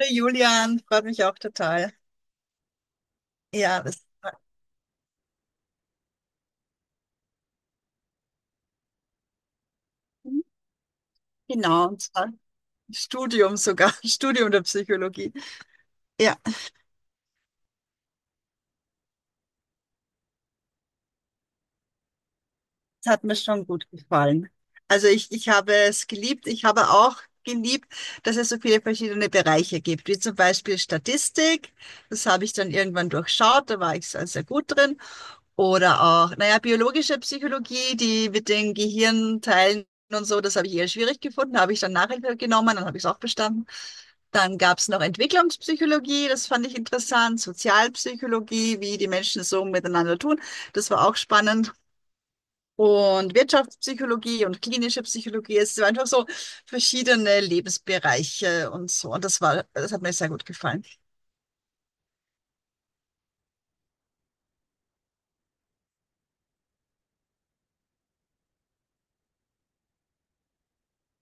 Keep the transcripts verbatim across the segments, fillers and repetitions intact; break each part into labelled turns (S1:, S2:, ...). S1: Hallo Julian, freut mich auch total. Ja, das war, genau, und zwar Studium sogar, Studium der Psychologie. Ja, das hat mir schon gut gefallen. Also ich, ich habe es geliebt. Ich habe auch geliebt, dass es so viele verschiedene Bereiche gibt, wie zum Beispiel Statistik. Das habe ich dann irgendwann durchschaut, da war ich sehr, sehr gut drin. Oder auch, naja, biologische Psychologie, die mit den Gehirnteilen und so, das habe ich eher schwierig gefunden, habe ich dann Nachhilfe genommen, dann habe ich es auch bestanden. Dann gab es noch Entwicklungspsychologie, das fand ich interessant, Sozialpsychologie, wie die Menschen so miteinander tun, das war auch spannend. Und Wirtschaftspsychologie und klinische Psychologie, es waren einfach so verschiedene Lebensbereiche und so. Und das war, das hat mir sehr gut gefallen.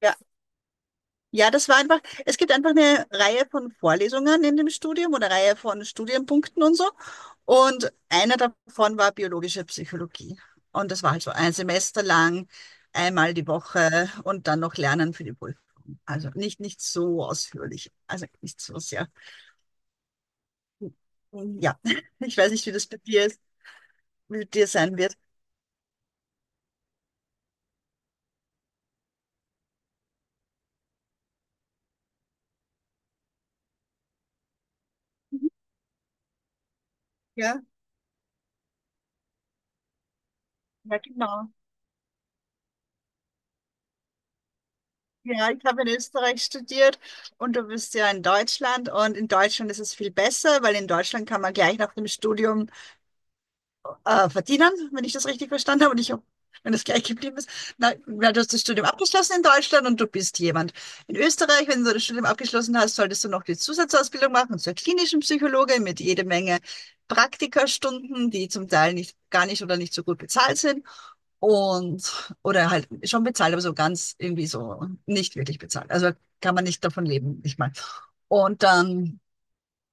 S1: Ja. Ja, das war einfach, es gibt einfach eine Reihe von Vorlesungen in dem Studium oder Reihe von Studienpunkten und so. Und einer davon war biologische Psychologie. Und das war halt so ein Semester lang, einmal die Woche und dann noch Lernen für die Prüfung. Also nicht, nicht so ausführlich, also nicht so sehr. Ja, ich weiß nicht, wie das bei dir ist, wie dir sein wird. Ja, ja, genau. Ja, ich habe in Österreich studiert und du bist ja in Deutschland und in Deutschland ist es viel besser, weil in Deutschland kann man gleich nach dem Studium äh, verdienen, wenn ich das richtig verstanden habe und ich hab- wenn das gleich geblieben ist. Na, na, du hast das Studium abgeschlossen in Deutschland und du bist jemand. In Österreich, wenn du das Studium abgeschlossen hast, solltest du noch die Zusatzausbildung machen zur klinischen Psychologe mit jede Menge Praktikastunden, die zum Teil nicht, gar nicht oder nicht so gut bezahlt sind. Und, oder halt schon bezahlt, aber so ganz irgendwie so nicht wirklich bezahlt. Also kann man nicht davon leben, nicht mal. Und dann,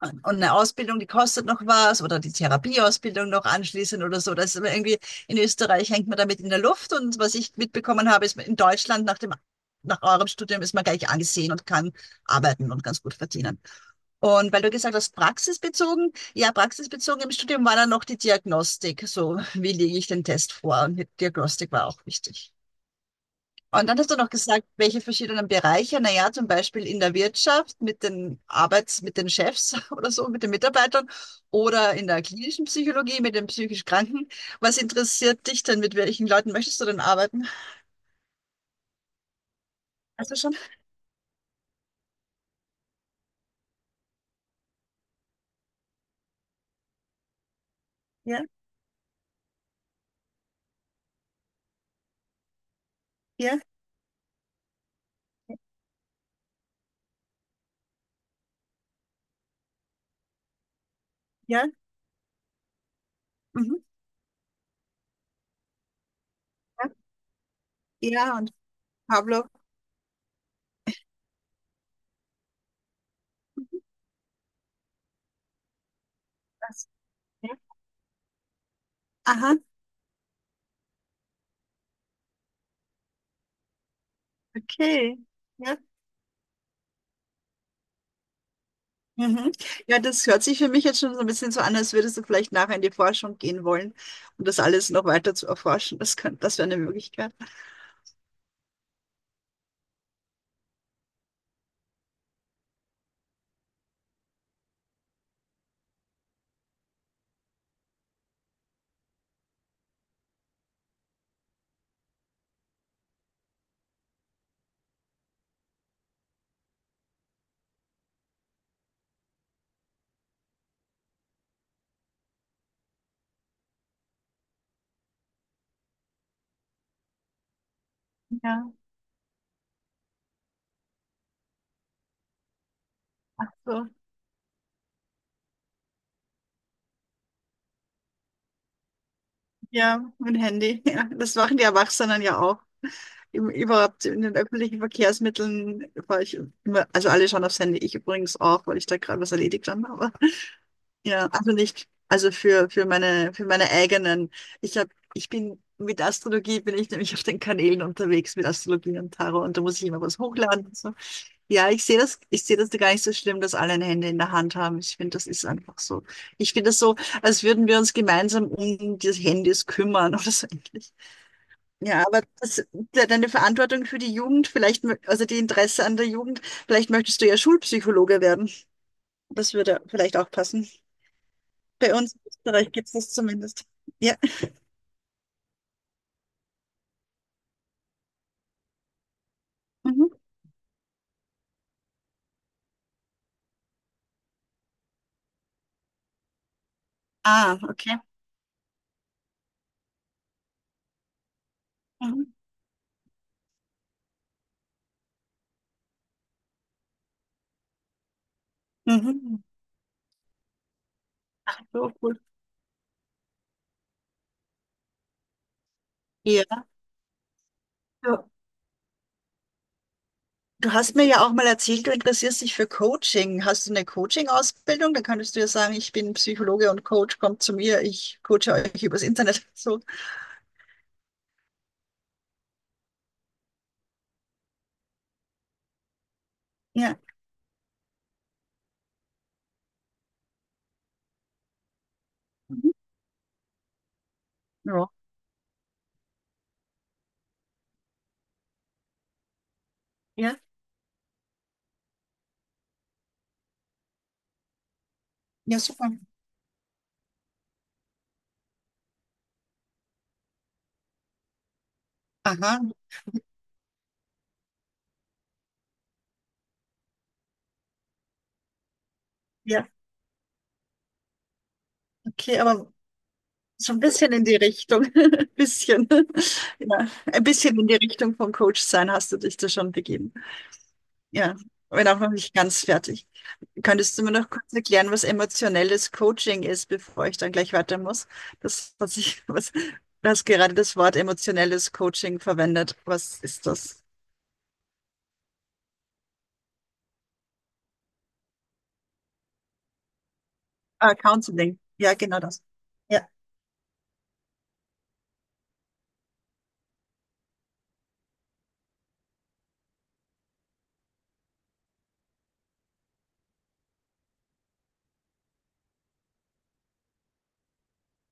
S1: und eine Ausbildung, die kostet noch was, oder die Therapieausbildung noch anschließend oder so. Das ist aber irgendwie, in Österreich hängt man damit in der Luft. Und was ich mitbekommen habe, ist, in Deutschland nach dem, nach eurem Studium ist man gleich angesehen und kann arbeiten und ganz gut verdienen. Und weil du gesagt hast, praxisbezogen, ja, praxisbezogen im Studium war dann noch die Diagnostik. So, wie lege ich den Test vor? Und die Diagnostik war auch wichtig. Und dann hast du noch gesagt, welche verschiedenen Bereiche, naja, zum Beispiel in der Wirtschaft mit den Arbeits-, mit den Chefs oder so, mit den Mitarbeitern oder in der klinischen Psychologie mit den psychisch Kranken. Was interessiert dich denn? Mit welchen Leuten möchtest du denn arbeiten? Hast du schon? Ja, ja, ja, mhm, ja, ja, und Pablo. das- Ja. Aha, okay. Ja. Mhm. Ja, das hört sich für mich jetzt schon so ein bisschen so an, als würdest du vielleicht nachher in die Forschung gehen wollen und das alles noch weiter zu erforschen. Das könnte, das wäre eine Möglichkeit. Ja, so. Ja, mein Handy. Ja, das machen die Erwachsenen ja auch. Im- Überhaupt in den öffentlichen Verkehrsmitteln war ich immer, also alle schauen aufs Handy, ich übrigens auch, weil ich da gerade was erledigt habe. Aber ja, also nicht, also für, für meine, für meine eigenen. Ich habe, ich bin mit Astrologie bin ich nämlich auf den Kanälen unterwegs mit Astrologie und Tarot und da muss ich immer was hochladen. Ja, ich sehe das, ich sehe das gar nicht so schlimm, dass alle ein Handy in der Hand haben. Ich finde, das ist einfach so. Ich finde das so, als würden wir uns gemeinsam um die Handys kümmern oder so ähnlich. Ja, aber das, de- deine Verantwortung für die Jugend, vielleicht, mö- also die Interesse an der Jugend, vielleicht möchtest du ja Schulpsychologe werden. Das würde vielleicht auch passen. Bei uns in Österreich gibt es das zumindest. Ja. Mhm. Ah, okay. Mhm. Mhm. So cool. Ja. So. Du hast mir ja auch mal erzählt, du interessierst dich für Coaching. Hast du eine Coaching-Ausbildung? Da könntest du ja sagen, ich bin Psychologe und Coach, kommt zu mir, ich coache euch übers Internet. So, ja. Mhm. Ja, ja, ja, super. Aha, ja, okay, aber so ein bisschen in die Richtung, ein bisschen, ja, ein bisschen in die Richtung von Coach sein hast du dich da schon begeben. Ja, bin auch noch nicht ganz fertig. Könntest du mir noch kurz erklären, was emotionelles Coaching ist, bevor ich dann gleich weiter muss? Das, was ich, was, du hast gerade das Wort emotionelles Coaching verwendet. Was ist das? Ah, Counseling. Ja, genau das. Ja,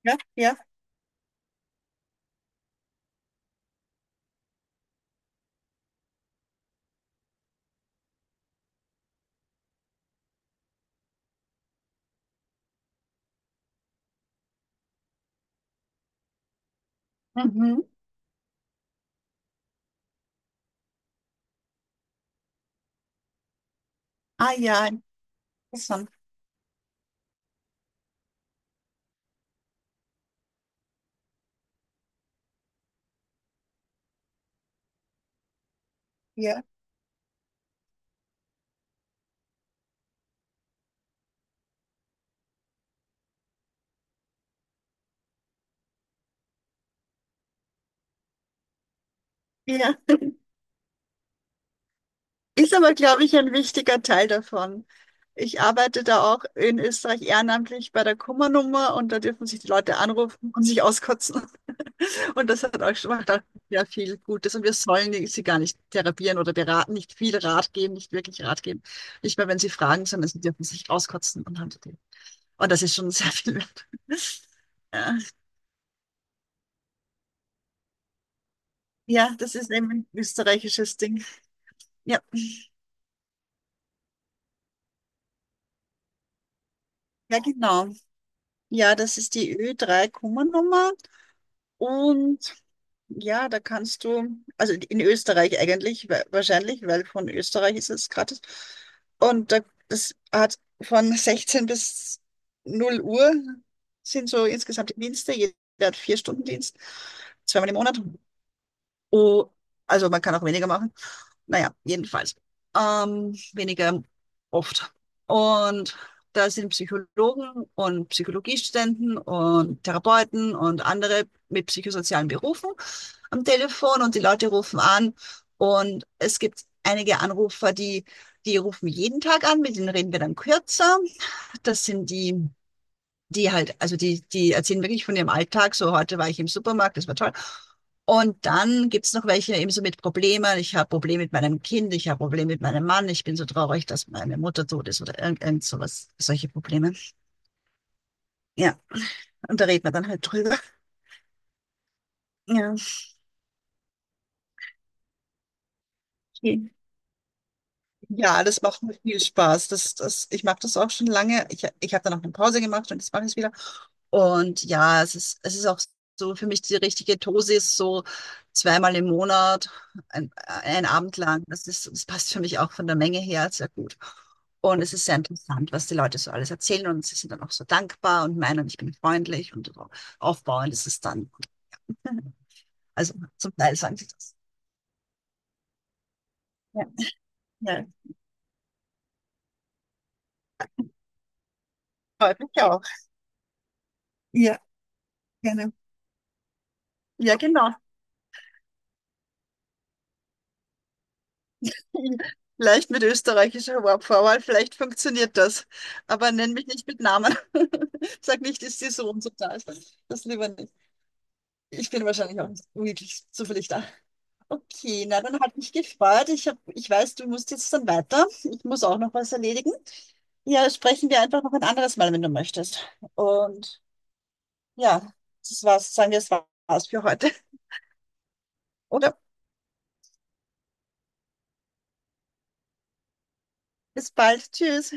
S1: ja, ja. Mhm. Ah, ja, interessant. Ja, ja. Ist aber, glaube ich, ein wichtiger Teil davon. Ich arbeite da auch in Österreich ehrenamtlich bei der Kummernummer und da dürfen sich die Leute anrufen und sich auskotzen. Und das hat auch schon macht auch sehr viel Gutes. Und wir sollen sie gar nicht therapieren oder beraten, nicht viel Rat geben, nicht wirklich Rat geben. Nicht mehr, wenn sie fragen, sondern sie dürfen sich auskotzen und haben die. Und das ist schon sehr viel wert. Ja, ja, das ist eben ein österreichisches Ding. Ja, ja, genau. Ja, das ist die Ö drei-Kummernummer. Und ja, da kannst du, also in Österreich eigentlich, wa- wahrscheinlich, weil von Österreich ist es gratis. Und da, das hat von sechzehn bis null Uhr sind so insgesamt die Dienste. Jeder hat vier Stunden Dienst, zweimal im Monat. Oh, also man kann auch weniger machen. Naja, jedenfalls. Ähm, weniger oft. Und da sind Psychologen und Psychologiestudenten und Therapeuten und andere mit psychosozialen Berufen am Telefon und die Leute rufen an. Und es gibt einige Anrufer, die, die, rufen jeden Tag an, mit denen reden wir dann kürzer. Das sind die die halt, also die, die erzählen wirklich von ihrem Alltag. So, heute war ich im Supermarkt, das war toll. Und dann gibt's noch welche eben so mit Problemen. Ich habe Probleme mit meinem Kind, ich habe Probleme mit meinem Mann, ich bin so traurig, dass meine Mutter tot ist oder irgend, irgend sowas, solche Probleme. Ja, und da reden wir dann halt drüber. Ja, okay. Ja, das macht mir viel Spaß. Das, das, ich mache das auch schon lange. Ich, ich habe dann auch eine Pause gemacht und jetzt mache ich es wieder. Und ja, es ist, es ist auch so für mich die richtige Dosis, so zweimal im Monat, ein, ein Abend lang. Das ist, das passt für mich auch von der Menge her sehr gut. Und es ist sehr interessant, was die Leute so alles erzählen und sie sind dann auch so dankbar und meinen, ich bin freundlich und so aufbauend ist es dann. Also zum Teil sagen sie das. Ja, ja, freut mich auch. Ja, gerne. Ja, genau. Vielleicht mit österreichischer Wa- Vorwahl, vielleicht funktioniert das. Aber nenn mich nicht mit Namen. Sag nicht, ist die so und so da. Das lieber nicht. Ich bin wahrscheinlich auch nicht wirklich zufällig da. Okay, na dann hat mich gefreut. Ich hab, ich weiß, du musst jetzt dann weiter. Ich muss auch noch was erledigen. Ja, sprechen wir einfach noch ein anderes Mal, wenn du möchtest. Und ja, das war's. Sagen wir, das war's für heute. Oder bis bald. Tschüss.